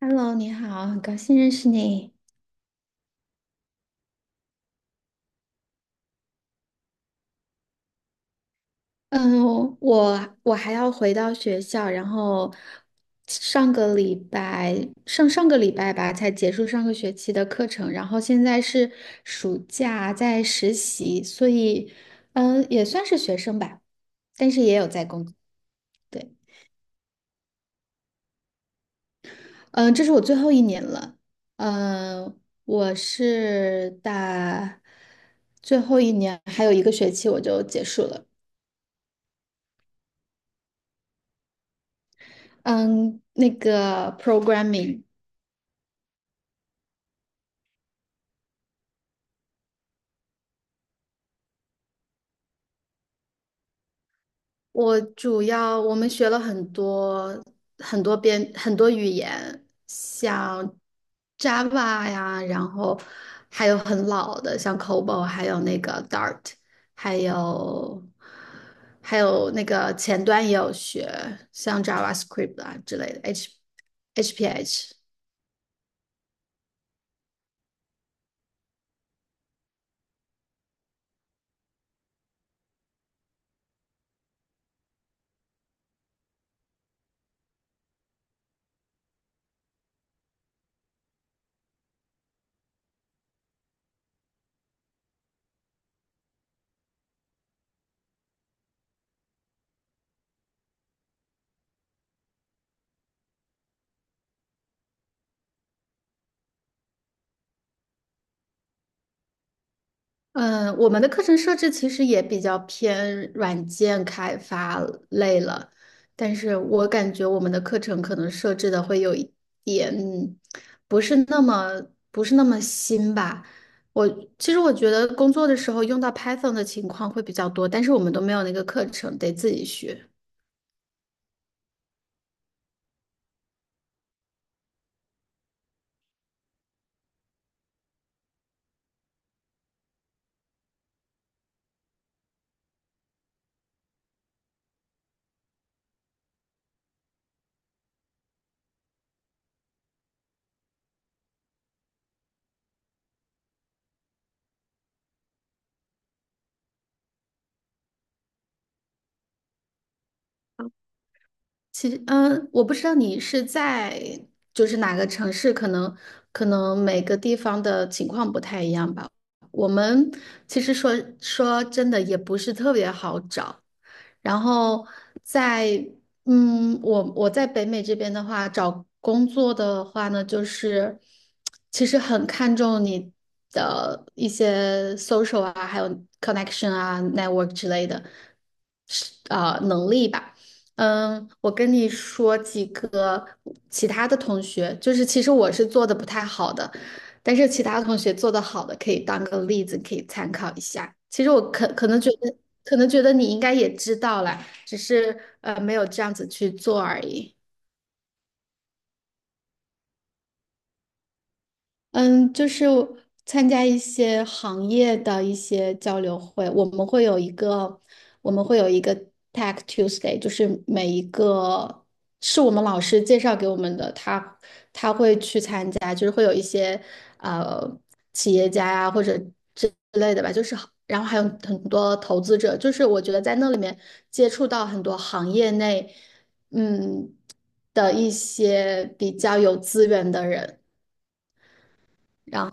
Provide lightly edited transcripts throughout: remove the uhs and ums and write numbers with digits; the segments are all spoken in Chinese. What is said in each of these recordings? Hello，你好，很高兴认识你。嗯，我还要回到学校，然后上个礼拜上上个礼拜吧，才结束上个学期的课程，然后现在是暑假在实习，所以也算是学生吧，但是也有在工作。对，嗯，这是我最后一年了。嗯，我是大最后一年，还有一个学期我就结束了。嗯，那个 programming，我主要我们学了很多边，很多语言，像 Java 呀，然后还有很老的像 COBOL，还有那个 Dart，还有还有那个前端也有学，像 JavaScript 啊之类的，HPH。嗯，我们的课程设置其实也比较偏软件开发类了，但是我感觉我们的课程可能设置的会有一点不是那么不是那么新吧。我其实我觉得工作的时候用到 Python 的情况会比较多，但是我们都没有那个课程，得自己学。其实，我不知道你是在就是哪个城市，可能每个地方的情况不太一样吧。我们其实说真的也不是特别好找，然后在我在北美这边的话，找工作的话呢，就是其实很看重你的一些 social 啊，还有 connection 啊，network 之类的，是啊，能力吧。我跟你说几个其他的同学，就是其实我是做的不太好的，但是其他同学做的好的可以当个例子，可以参考一下。其实我可能觉得，可能觉得你应该也知道啦，只是没有这样子去做而已。嗯，就是参加一些行业的一些交流会，我们会有一个 Tech Tuesday，就是每一个是我们老师介绍给我们的，他去参加，就是会有一些呃企业家呀、或者之类的吧，就是好然后还有很多投资者，就是我觉得在那里面接触到很多行业内嗯的一些比较有资源的人，然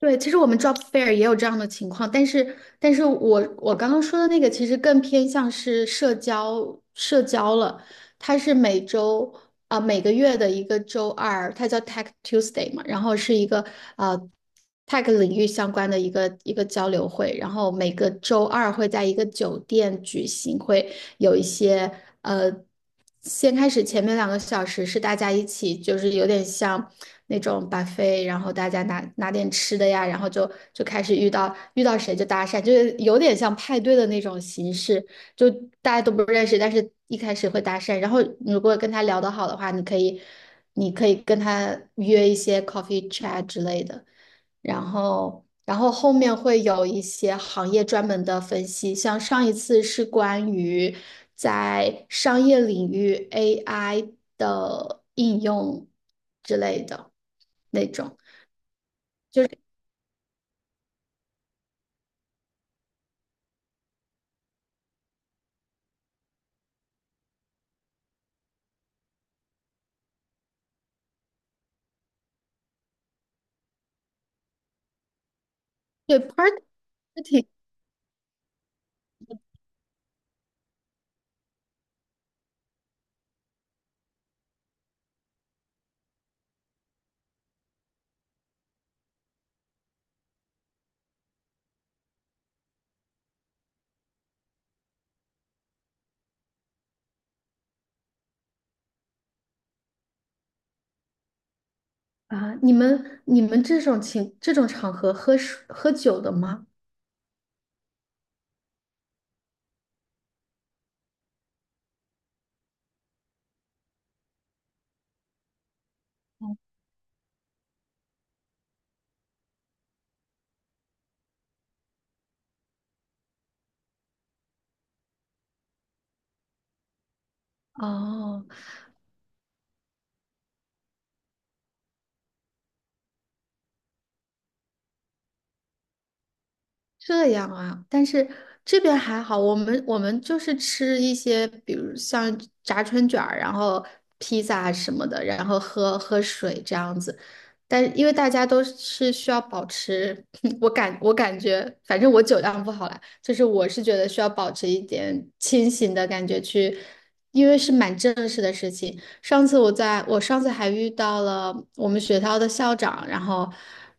对，其实我们 job fair 也有这样的情况，但是，我刚刚说的那个其实更偏向是社交社交了，它是每周啊、每个月的一个周二，它叫 Tech Tuesday 嘛，然后是一个呃 Tech 领域相关的一个交流会，然后每个周二会在一个酒店举行，会有一些呃，先开始前面两个小时是大家一起，就是有点像那种 buffet，然后大家拿点吃的呀，然后就开始遇到谁就搭讪，就是有点像派对的那种形式，就大家都不认识，但是一开始会搭讪，然后如果跟他聊得好的话，你可以跟他约一些 coffee chat 之类的。然后后面会有一些行业专门的分析，像上一次是关于在商业领域 AI 的应用之类的那种，就是对 party 啊，你们这种场合喝酒的吗？哦。这样啊，但是这边还好，我们就是吃一些，比如像炸春卷儿，然后披萨什么的，然后喝喝水这样子。但因为大家都是需要保持，我感觉，反正我酒量不好啦，就是我是觉得需要保持一点清醒的感觉去，因为是蛮正式的事情，上次我在我上次还遇到了我们学校的校长，然后，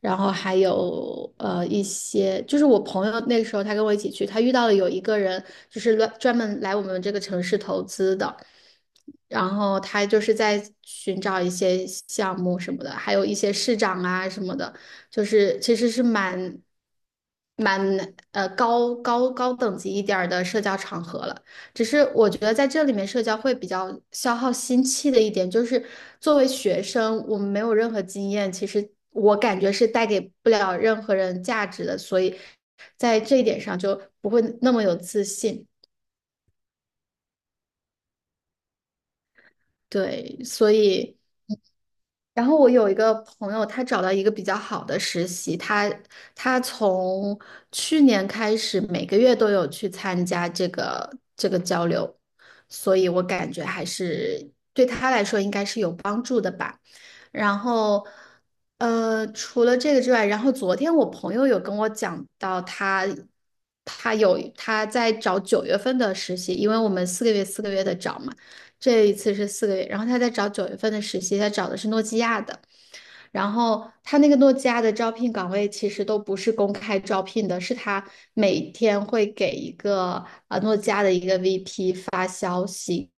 还有一些，就是我朋友那个时候他跟我一起去，他遇到了有一个人就是专门来我们这个城市投资的，然后他就是在寻找一些项目什么的，还有一些市长啊什么的，就是其实是蛮高等级一点儿的社交场合了。只是我觉得在这里面社交会比较消耗心气的一点，就是作为学生，我们没有任何经验，其实我感觉是带给不了任何人价值的，所以在这一点上就不会那么有自信。对，所以。然后我有一个朋友，他找到一个比较好的实习，他从去年开始每个月都有去参加这个交流，所以我感觉还是对他来说应该是有帮助的吧。然后，除了这个之外，然后昨天我朋友有跟我讲到他在找九月份的实习，因为我们四个月四个月的找嘛。这一次是四个月，然后他在找九月份的实习，他找的是诺基亚的，然后他那个诺基亚的招聘岗位其实都不是公开招聘的，是他每天会给一个诺基亚的一个 VP 发消息，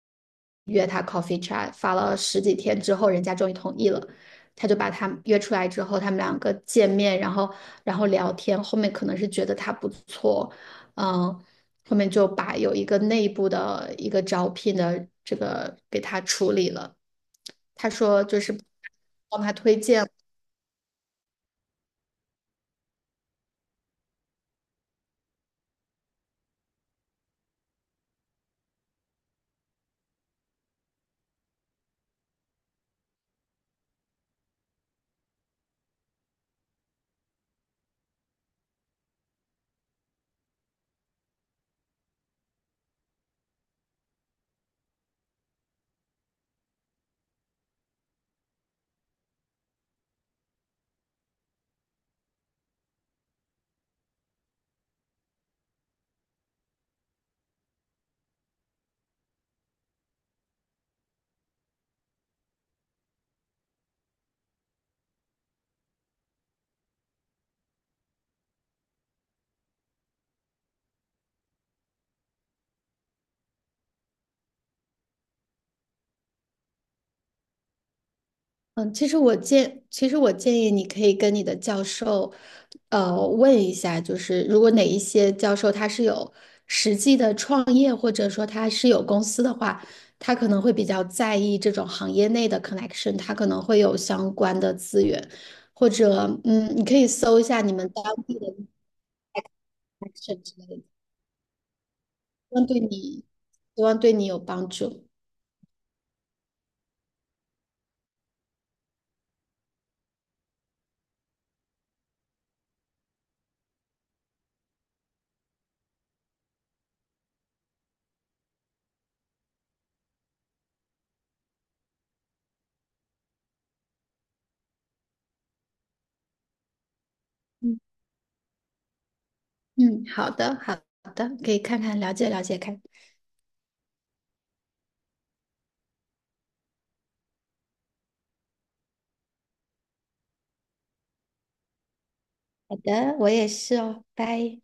约他 coffee chat，发了十几天之后，人家终于同意了，他就把他约出来之后，他们两个见面，然后聊天，后面可能是觉得他不错，嗯，后面就把有一个内部的一个招聘的这个给他处理了，他说就是帮他推荐。嗯，其实我建议你可以跟你的教授，问一下，就是如果哪一些教授他是有实际的创业，或者说他是有公司的话，他可能会比较在意这种行业内的 connection，他可能会有相关的资源，或者你可以搜一下你们当地的 connection 之类的，望对你，希望对你有帮助。嗯，嗯，好的，好的，可以看看了解了解看。好的，我也是哦，拜。